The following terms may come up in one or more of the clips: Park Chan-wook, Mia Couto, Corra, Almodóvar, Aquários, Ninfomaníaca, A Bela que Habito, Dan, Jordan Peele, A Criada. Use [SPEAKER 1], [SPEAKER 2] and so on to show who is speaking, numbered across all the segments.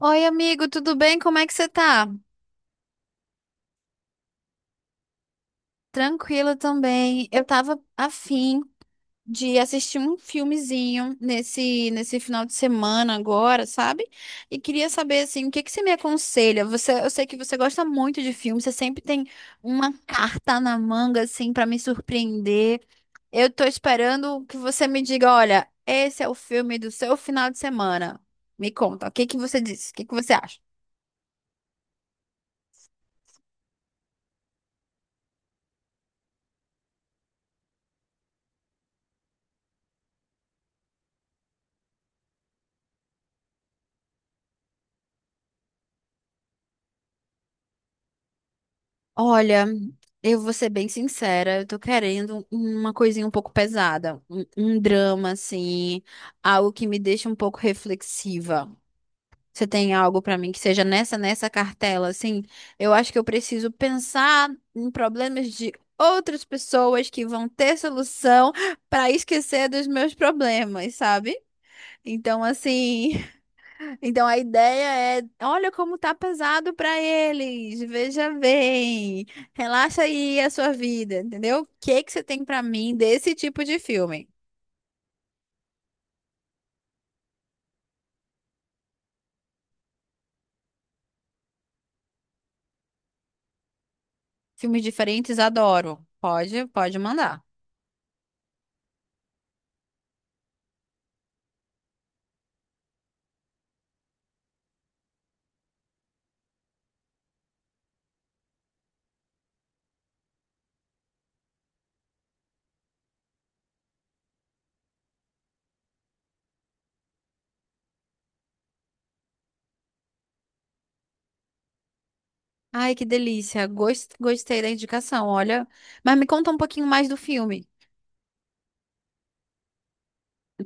[SPEAKER 1] Oi, amigo, tudo bem? Como é que você tá? Tranquila também. Eu tava afim de assistir um filmezinho nesse final de semana agora, sabe? E queria saber assim, o que que você me aconselha? Você, eu sei que você gosta muito de filme, você sempre tem uma carta na manga assim pra me surpreender. Eu tô esperando que você me diga, olha, esse é o filme do seu final de semana. Me conta, o que que você disse? O que que você acha? Olha, eu vou ser bem sincera, eu tô querendo uma coisinha um pouco pesada, um drama, assim, algo que me deixa um pouco reflexiva. Você tem algo pra mim que seja nessa cartela, assim? Eu acho que eu preciso pensar em problemas de outras pessoas que vão ter solução pra esquecer dos meus problemas, sabe? Então, assim. Então a ideia é, olha como tá pesado para eles. Veja bem. Relaxa aí a sua vida, entendeu? O que que você tem para mim desse tipo de filme? Filmes diferentes, adoro. Pode, pode mandar. Ai, que delícia. Gostei da indicação, olha. Mas me conta um pouquinho mais do filme.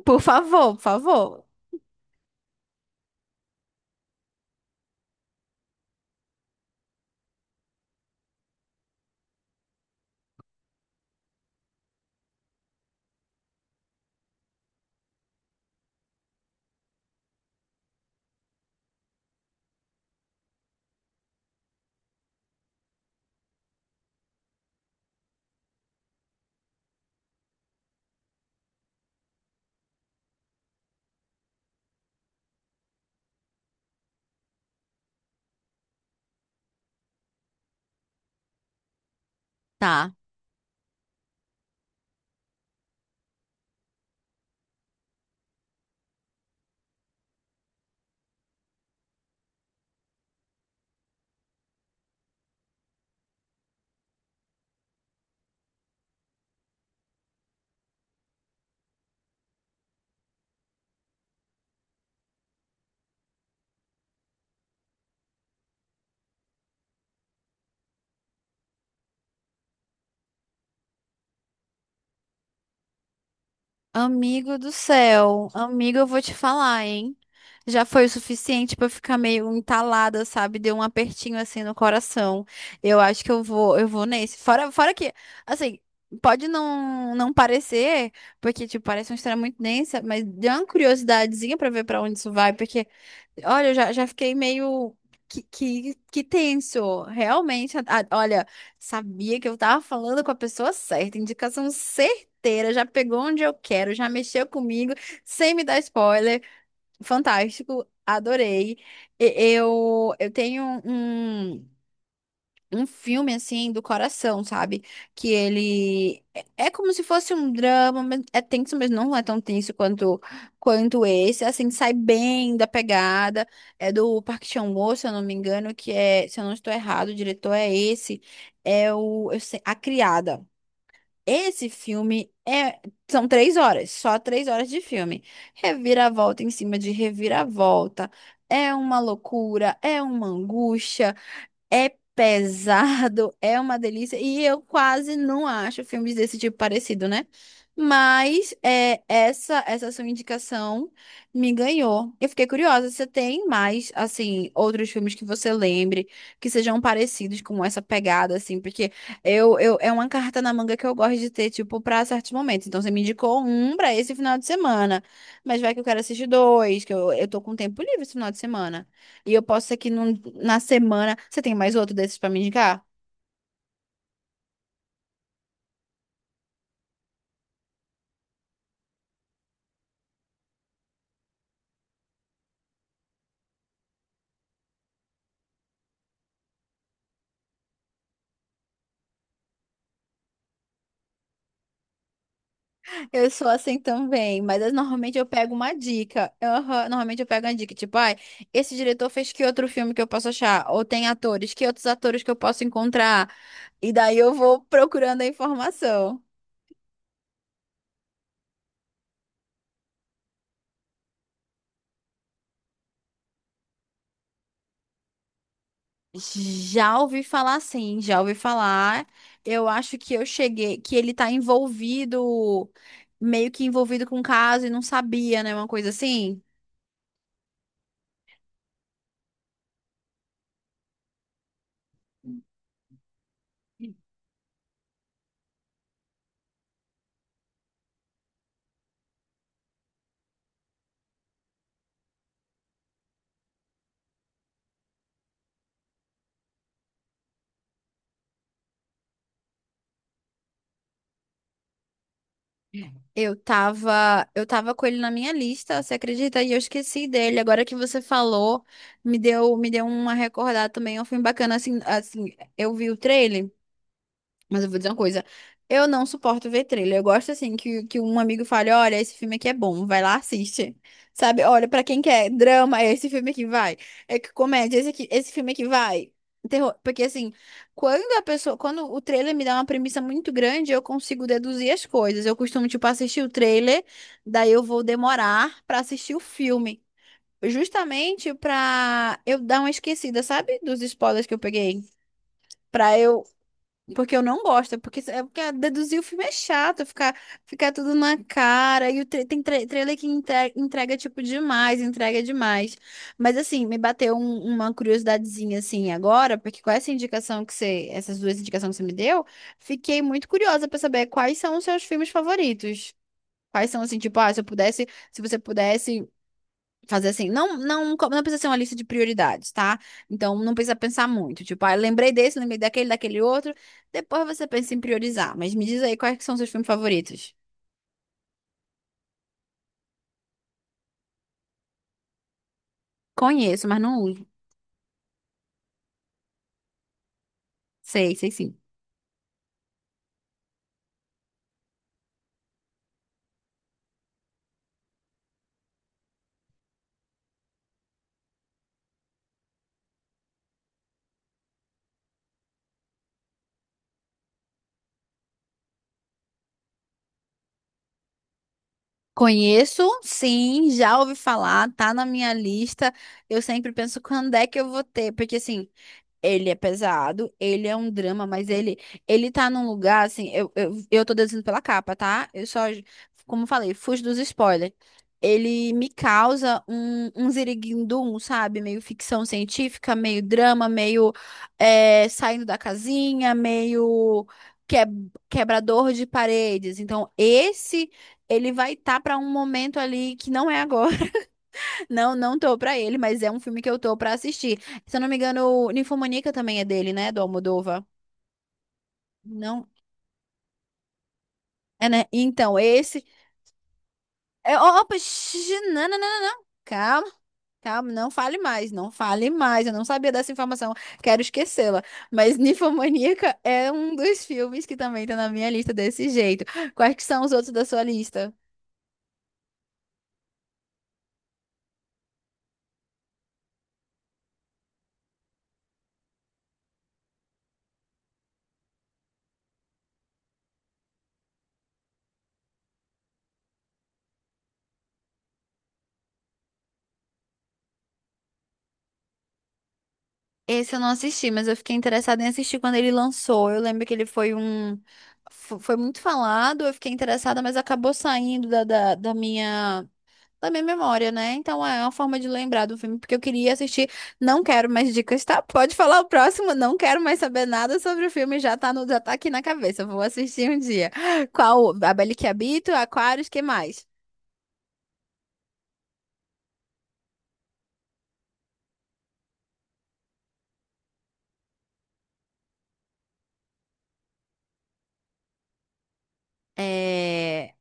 [SPEAKER 1] Por favor, por favor. Tá. Amigo do céu, amigo, eu vou te falar, hein? Já foi o suficiente pra eu ficar meio entalada, sabe? Deu um apertinho assim no coração. Eu acho que eu vou nesse. Fora que, assim, pode não parecer, porque tipo, parece uma história muito densa, mas deu uma curiosidadezinha pra ver pra onde isso vai, porque olha, eu já fiquei meio que tenso, realmente. Olha, sabia que eu tava falando com a pessoa certa, indicação inteira, já pegou onde eu quero, já mexeu comigo, sem me dar spoiler. Fantástico, adorei. E- eu tenho um filme, assim, do coração, sabe? Que ele é como se fosse um drama, mas é tenso, mas não é tão tenso quanto esse. Assim, sai bem da pegada. É do Park Chan-wook, se eu não me engano, que é, se eu não estou errado, o diretor é esse. É o, A Criada. Esse filme é... são 3 horas, só 3 horas de filme. Reviravolta em cima de reviravolta. É uma loucura, é uma angústia. É pesado, é uma delícia. E eu quase não acho filmes desse tipo parecido, né? Mas é, essa sua indicação me ganhou. Eu fiquei curiosa, você tem mais, assim, outros filmes que você lembre que sejam parecidos com essa pegada, assim? Porque eu é uma carta na manga que eu gosto de ter, tipo, pra certos momentos. Então, você me indicou um pra esse final de semana. Mas vai que eu quero assistir dois, que eu tô com tempo livre esse final de semana. E eu posso ser que na semana. Você tem mais outro desses pra me indicar? Eu sou assim também, normalmente eu pego uma dica. Aham, normalmente eu pego uma dica, tipo, ai, esse diretor fez que outro filme que eu posso achar? Ou tem atores, que outros atores que eu posso encontrar? E daí eu vou procurando a informação. Já ouvi falar sim, já ouvi falar. Eu acho que eu cheguei, que ele tá envolvido, meio que envolvido com o caso e não sabia, né? Uma coisa assim. Eu tava com ele na minha lista, você acredita? E eu esqueci dele. Agora que você falou, me deu uma recordada também. É um filme bacana, assim, assim, eu vi o trailer. Mas eu vou dizer uma coisa, eu não suporto ver trailer. Eu gosto assim que um amigo fale, olha, esse filme aqui é bom, vai lá, assiste. Sabe? Olha, pra quem quer drama, é esse filme aqui vai. É que comédia, esse aqui, esse filme aqui vai. Terror, porque assim, quando a pessoa, quando o trailer me dá uma premissa muito grande, eu consigo deduzir as coisas. Eu costumo tipo assistir o trailer, daí eu vou demorar pra assistir o filme, justamente pra eu dar uma esquecida, sabe? Dos spoilers que eu peguei. Pra eu porque eu não gosto, é porque deduzir o filme é chato, ficar, ficar tudo na cara, e o trailer que entrega, entrega, tipo, demais, entrega demais. Mas, assim, me bateu uma curiosidadezinha, assim, agora, porque com essa indicação que você, essas duas indicações que você me deu, fiquei muito curiosa pra saber quais são os seus filmes favoritos. Quais são, assim, tipo, ah, se eu pudesse, se você pudesse fazer assim, não precisa ser uma lista de prioridades, tá? Então não precisa pensar muito, tipo, ah, eu lembrei desse, lembrei daquele, daquele outro. Depois você pensa em priorizar, mas me diz aí quais que são seus filmes favoritos. Conheço, mas não uso. Sei, sei sim. Conheço, sim, já ouvi falar, tá na minha lista. Eu sempre penso quando é que eu vou ter, porque assim, ele é pesado, ele é um drama, mas ele ele tá num lugar assim, eu tô deduzindo pela capa, tá? Eu só, como eu falei, fujo dos spoilers. Ele me causa um ziriguindum, sabe? Meio ficção científica, meio drama, meio é, saindo da casinha, meio é, quebrador de paredes. Então, esse ele vai estar tá para um momento ali que não é agora. Não, não tô pra ele, mas é um filme que eu tô pra assistir. Se eu não me engano, o Ninfomaníaca também é dele, né? Do Almodóvar. Não, é, né? Então, esse. É, opa, xixi, não, não, não, não, não. Calma, calma, não fale mais, não fale mais. Eu não sabia dessa informação, quero esquecê-la. Mas Ninfomaníaca é um dos filmes que também tá na minha lista desse jeito. Quais que são os outros da sua lista? Esse eu não assisti, mas eu fiquei interessada em assistir quando ele lançou. Eu lembro que ele foi um. Foi muito falado, eu fiquei interessada, mas acabou saindo da minha. Da minha memória, né? Então é uma forma de lembrar do filme, porque eu queria assistir. Não quero mais dicas, tá? Pode falar o próximo, não quero mais saber nada sobre o filme, já tá, no, já tá aqui na cabeça. Eu Vou assistir um dia. Qual? A Bela que Habito, Aquários, que mais? É...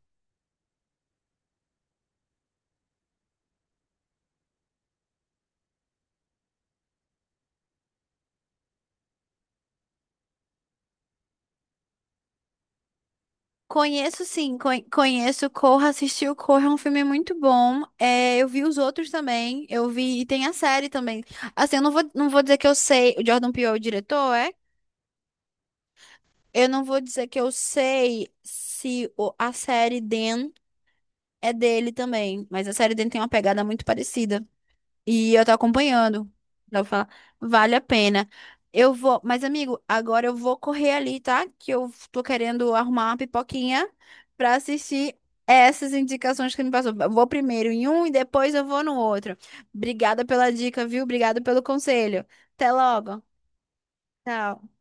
[SPEAKER 1] Conheço sim, conheço Corra, assisti o Corra, é um filme muito bom. É, eu vi os outros também, eu vi, e tem a série também. Assim, eu não vou, não vou dizer que eu sei, o Jordan Peele é o diretor, é? Eu não vou dizer que eu sei se o- a série Dan é dele também, mas a série Dan tem uma pegada muito parecida. E eu tô acompanhando. Daí Eu vale a pena. Eu vou, mas amigo, agora eu vou correr ali, tá? Que eu tô querendo arrumar uma pipoquinha pra assistir essas indicações que me passou. Eu vou primeiro em um e depois eu vou no outro. Obrigada pela dica, viu? Obrigada pelo conselho. Até logo. Tchau.